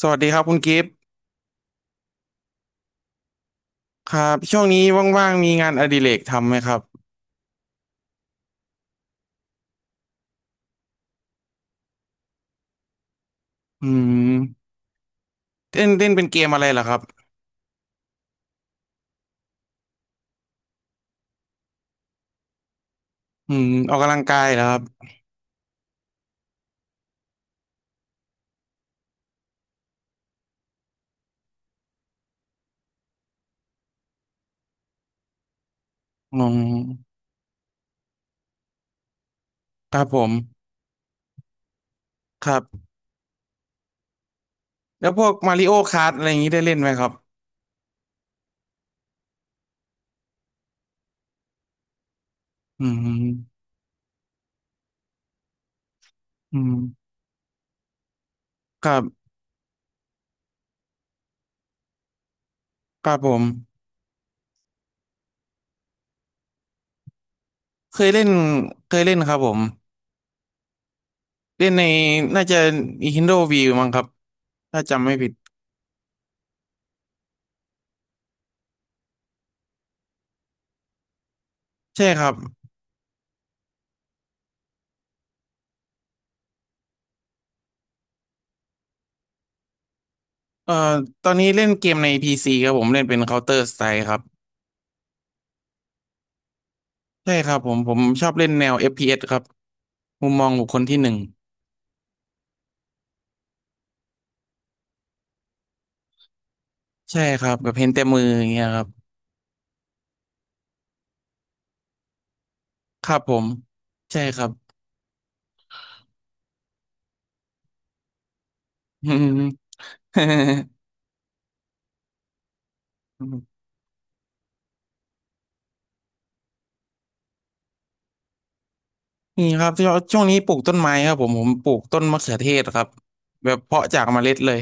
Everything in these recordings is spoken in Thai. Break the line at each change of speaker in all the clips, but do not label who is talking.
สวัสดีครับคุณกิฟต์ครับช่วงนี้ว่างๆมีงานอดิเรกทำไหมครับอืมเล่นเล่นเป็นเกมอะไรเหรอครับอืมออกกำลังกายเหรอครับอืมครับผมครับแล้วพวกมาริโอค r t อะไรอย่างนี้ได้เล่นไหมครับอืมอืมครับครับผมเคยเล่นเคยเล่นครับผมเล่นในน่าจะ Nintendo Wii มั้งครับถ้าจำไม่ผิดใช่ครับเอ่อตอนนี้เล่นเกมในพีซีครับผมเล่นเป็น Counter Strike ครับใช่ครับผมชอบเล่นแนว f อฟพีเอสครับ มุมมองบุคคลที่หนึ่งใช่ครับแบบเห็นแต่มืออย่างเงี้ยครับครับผมใช่ครับ อืม นี่ครับช่วงนี้ปลูกต้นไม้ครับผมปลูกต้นมะเขือเทศครับแบบเพาะจากเมล็ดเลย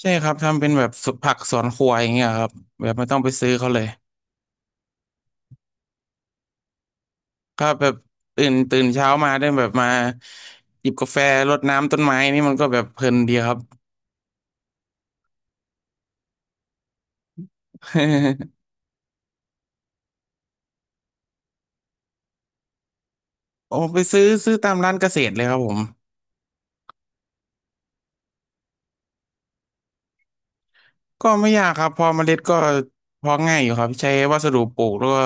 ใช่ครับทำเป็นแบบสวนผักสวนครัวอย่างเงี้ยครับแบบไม่ต้องไปซื้อเขาเลยครับแบบตื่นเช้ามาได้แบบมาหยิบกาแฟรดน้ำต้นไม้นี่มันก็แบบเพลินดีครับ โอ้ไปซื้อตามร้านเกษตรเลยครับผม ก็ไม่ยากครับพอเมล็ดก็เพอง่ายอยู่ครับใช้วัสดุปลูกแล้วก็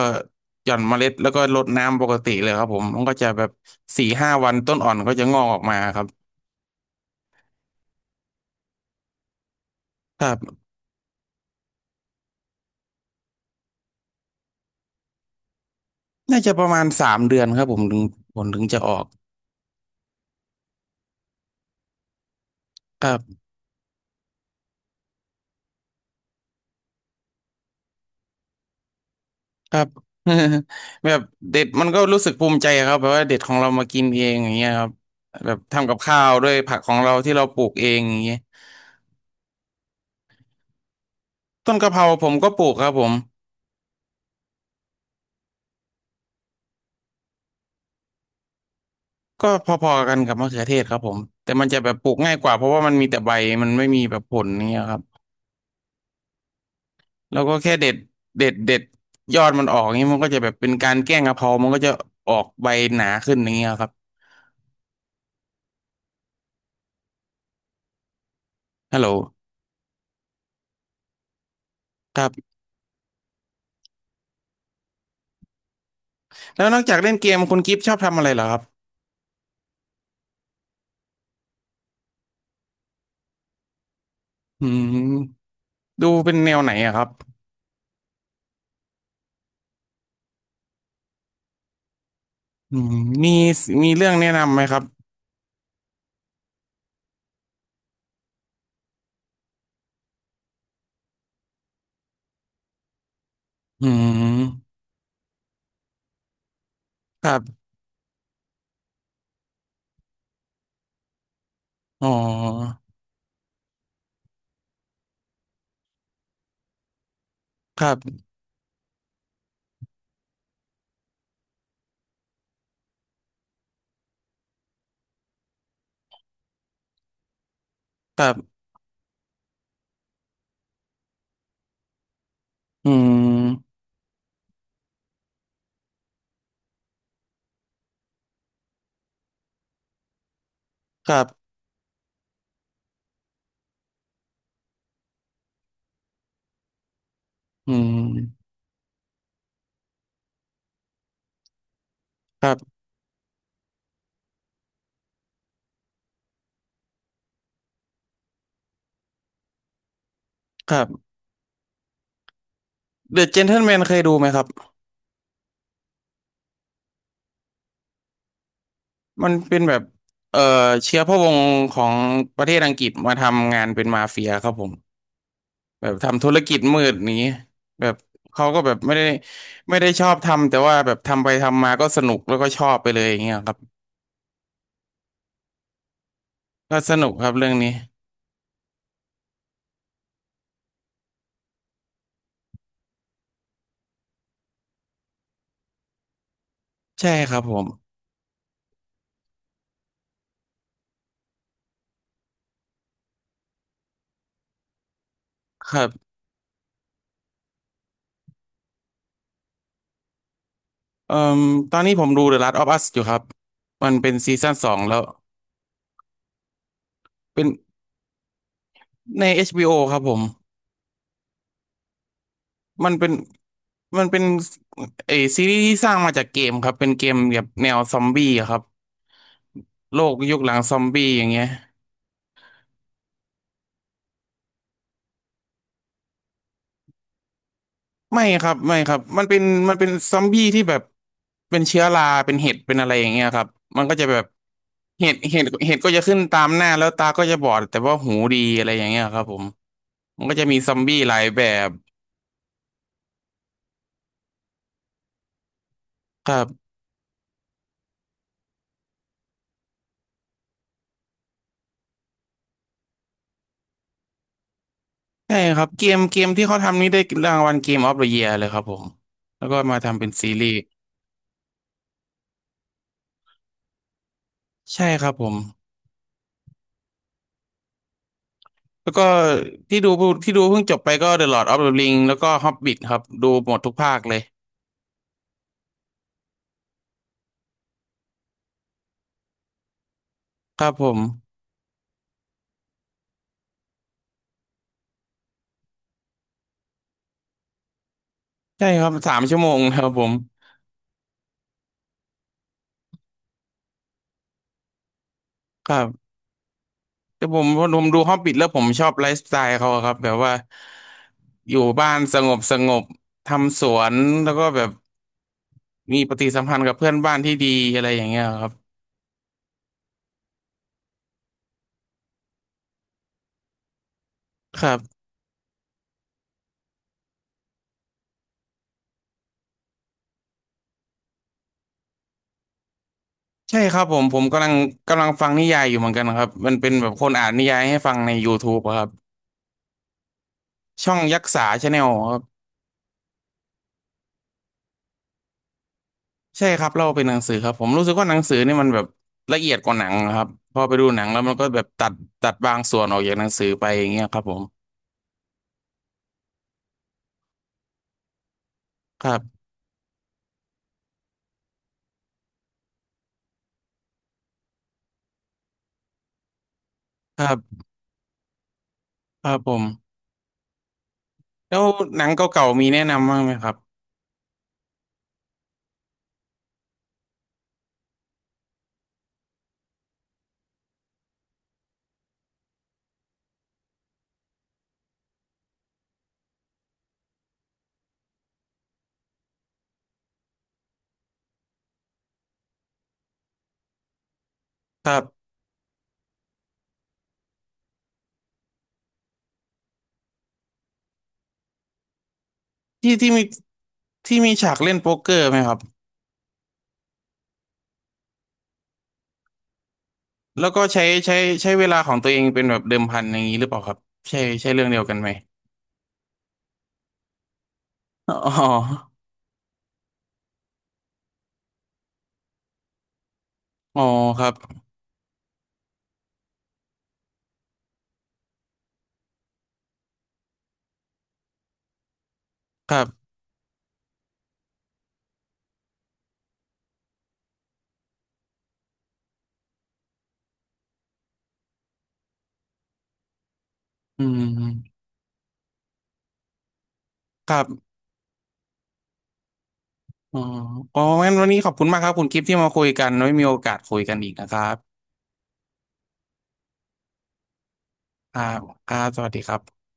หย่อนเมล็ดแล้วก็รดน้ำปกติเลยครับผมมันก็จะแบบสี่ห้าวันต้นอ่อนก็จะงอกออกมาครับครับน่าจะประมาณสามเดือนครับผมถึงผลถึงจะออกครับครับ แบบเด็ดมันก็รู้สึกภูมิใจครับแบบว่าเด็ดของเรามากินเองอย่างเงี้ยครับแบบทำกับข้าวด้วยผักของเราที่เราปลูกเองอย่างเงี้ยต้นกะเพราผมก็ปลูกครับผม ก็พอๆกันกับมะเขือเทศครับผมแต่มันจะแบบปลูกง่ายกว่าเพราะว่ามันมีแต่ใบมันไม่มีแบบผลเนี่ยครับแล้วก็แค่เด็ดยอดมันออกเงนี้มันก็จะแบบเป็นการแกล้งกะเพรามันก็จะออกใบหนาขึ้นอย่างเงี้ยครับฮัลโหลครับแล้วนอกจากเล่นเกมคุณกิฟต์ชอบทำอะไรเหรอครับอืมดูเป็นแนวไหนอะครับอืมมีมีเรื่องแนะนำไหมครับอืมครับอ๋อครับครับอืมครับอืมครับครับ เดอะเจน t l e แมนเคยดูไหมครับมันเป็นแบบเอ่อเชื้อพระวงศ์ของประเทศอังกฤษมาทำงานเป็นมาเฟียครับผมแบบทำธุรกิจมืดนี้แบบเขาก็แบบไม่ได้ชอบทำแต่ว่าแบบทำไปทำมาก็สนุกแล้วก็ชอบไปเลยอย่างเงี้ยครับก็สนุกครับเรื่องนี้ใช่ครับผมครับเอ่มตอนนี้ผมดู The Last of Us อยู่ครับมันเป็นซีซั่นสองแล้วเป็นใน HBO ครับผม มันเป็นมันเป็นเออซีรีส์ที่สร้างมาจากเกมครับเป็นเกมแบบแนวซอมบี้อะครับโลกยุคหลังซอมบี้อย่างเงี้ยไม่ครับมันเป็นซอมบี้ที่แบบเป็นเชื้อราเป็นเห็ดเป็นอะไรอย่างเงี้ยครับมันก็จะแบบเห็ดก็จะขึ้นตามหน้าแล้วตาก็จะบอดแต่ว่าหูดีอะไรอย่างเงี้ยครับผมมันก็จะมีซอมบี้หลายแบบครับใช่ครับเกมที่เขาทำนี่ได้รางวัลเกมออฟเดอะเยียร์เลยครับผมแล้วก็มาทำเป็นซีรีส์ใช่ครับผม แล้วก็ที่ดูที่ดูเพิ่งจบไปก็ The Lord of the Ring แล้วก็ Hobbit ครับดูหมดทุกภาคเลยครับผมใช่ครับสามชั่วโมงครับผมครับแต่ผมดู Hobbit แล้วผมชอบไลฟ์สไตล์เขาอะครับแบบว่าอยู่บ้านสงบทำสวนแล้วก็แบบมีปฏิสัมพันธ์กับเพื่อนบ้านที่ดีอะไรอย่างเงี้ยครับครับใช่ครับผมผมกำลังฟังนิยายอยู่เหมือนกันครับมันเป็นแบบคนอ่านนิยายให้ฟังใน YouTube อะครับช่องยักษาชาแนล ใช่ครับเล่าเป็นหนังสือครับผมรู้สึกว่าหนังสือนี่มันแบบละเอียดกว่าหนังครับพอไปดูหนังแล้วมันก็แบบตัดบางส่วนออกจากหนังสือไปอย่างเงี้ยครับผมครับครับครับผมแล้วหนังเก่าๆมีแนะนำบ้างไหมครับครับที่ที่มีที่มีฉากเล่นโป๊กเกอร์ไหมครับแล้วก็ใช้ใช้เวลาของตัวเองเป็นแบบเดิมพันอย่างนี้หรือเปล่าครับใช่ใช่เรื่องเดียวกันไหมอ๋ออ๋อครับครับอืมครับ อ๋ออ๋องั้นวันนี้ขอบคุณมากครับ คุณกิฟที่มาคุยกันไว้มีโอกาสคุยกันอีกนะครับครับครับสวัสดีครับ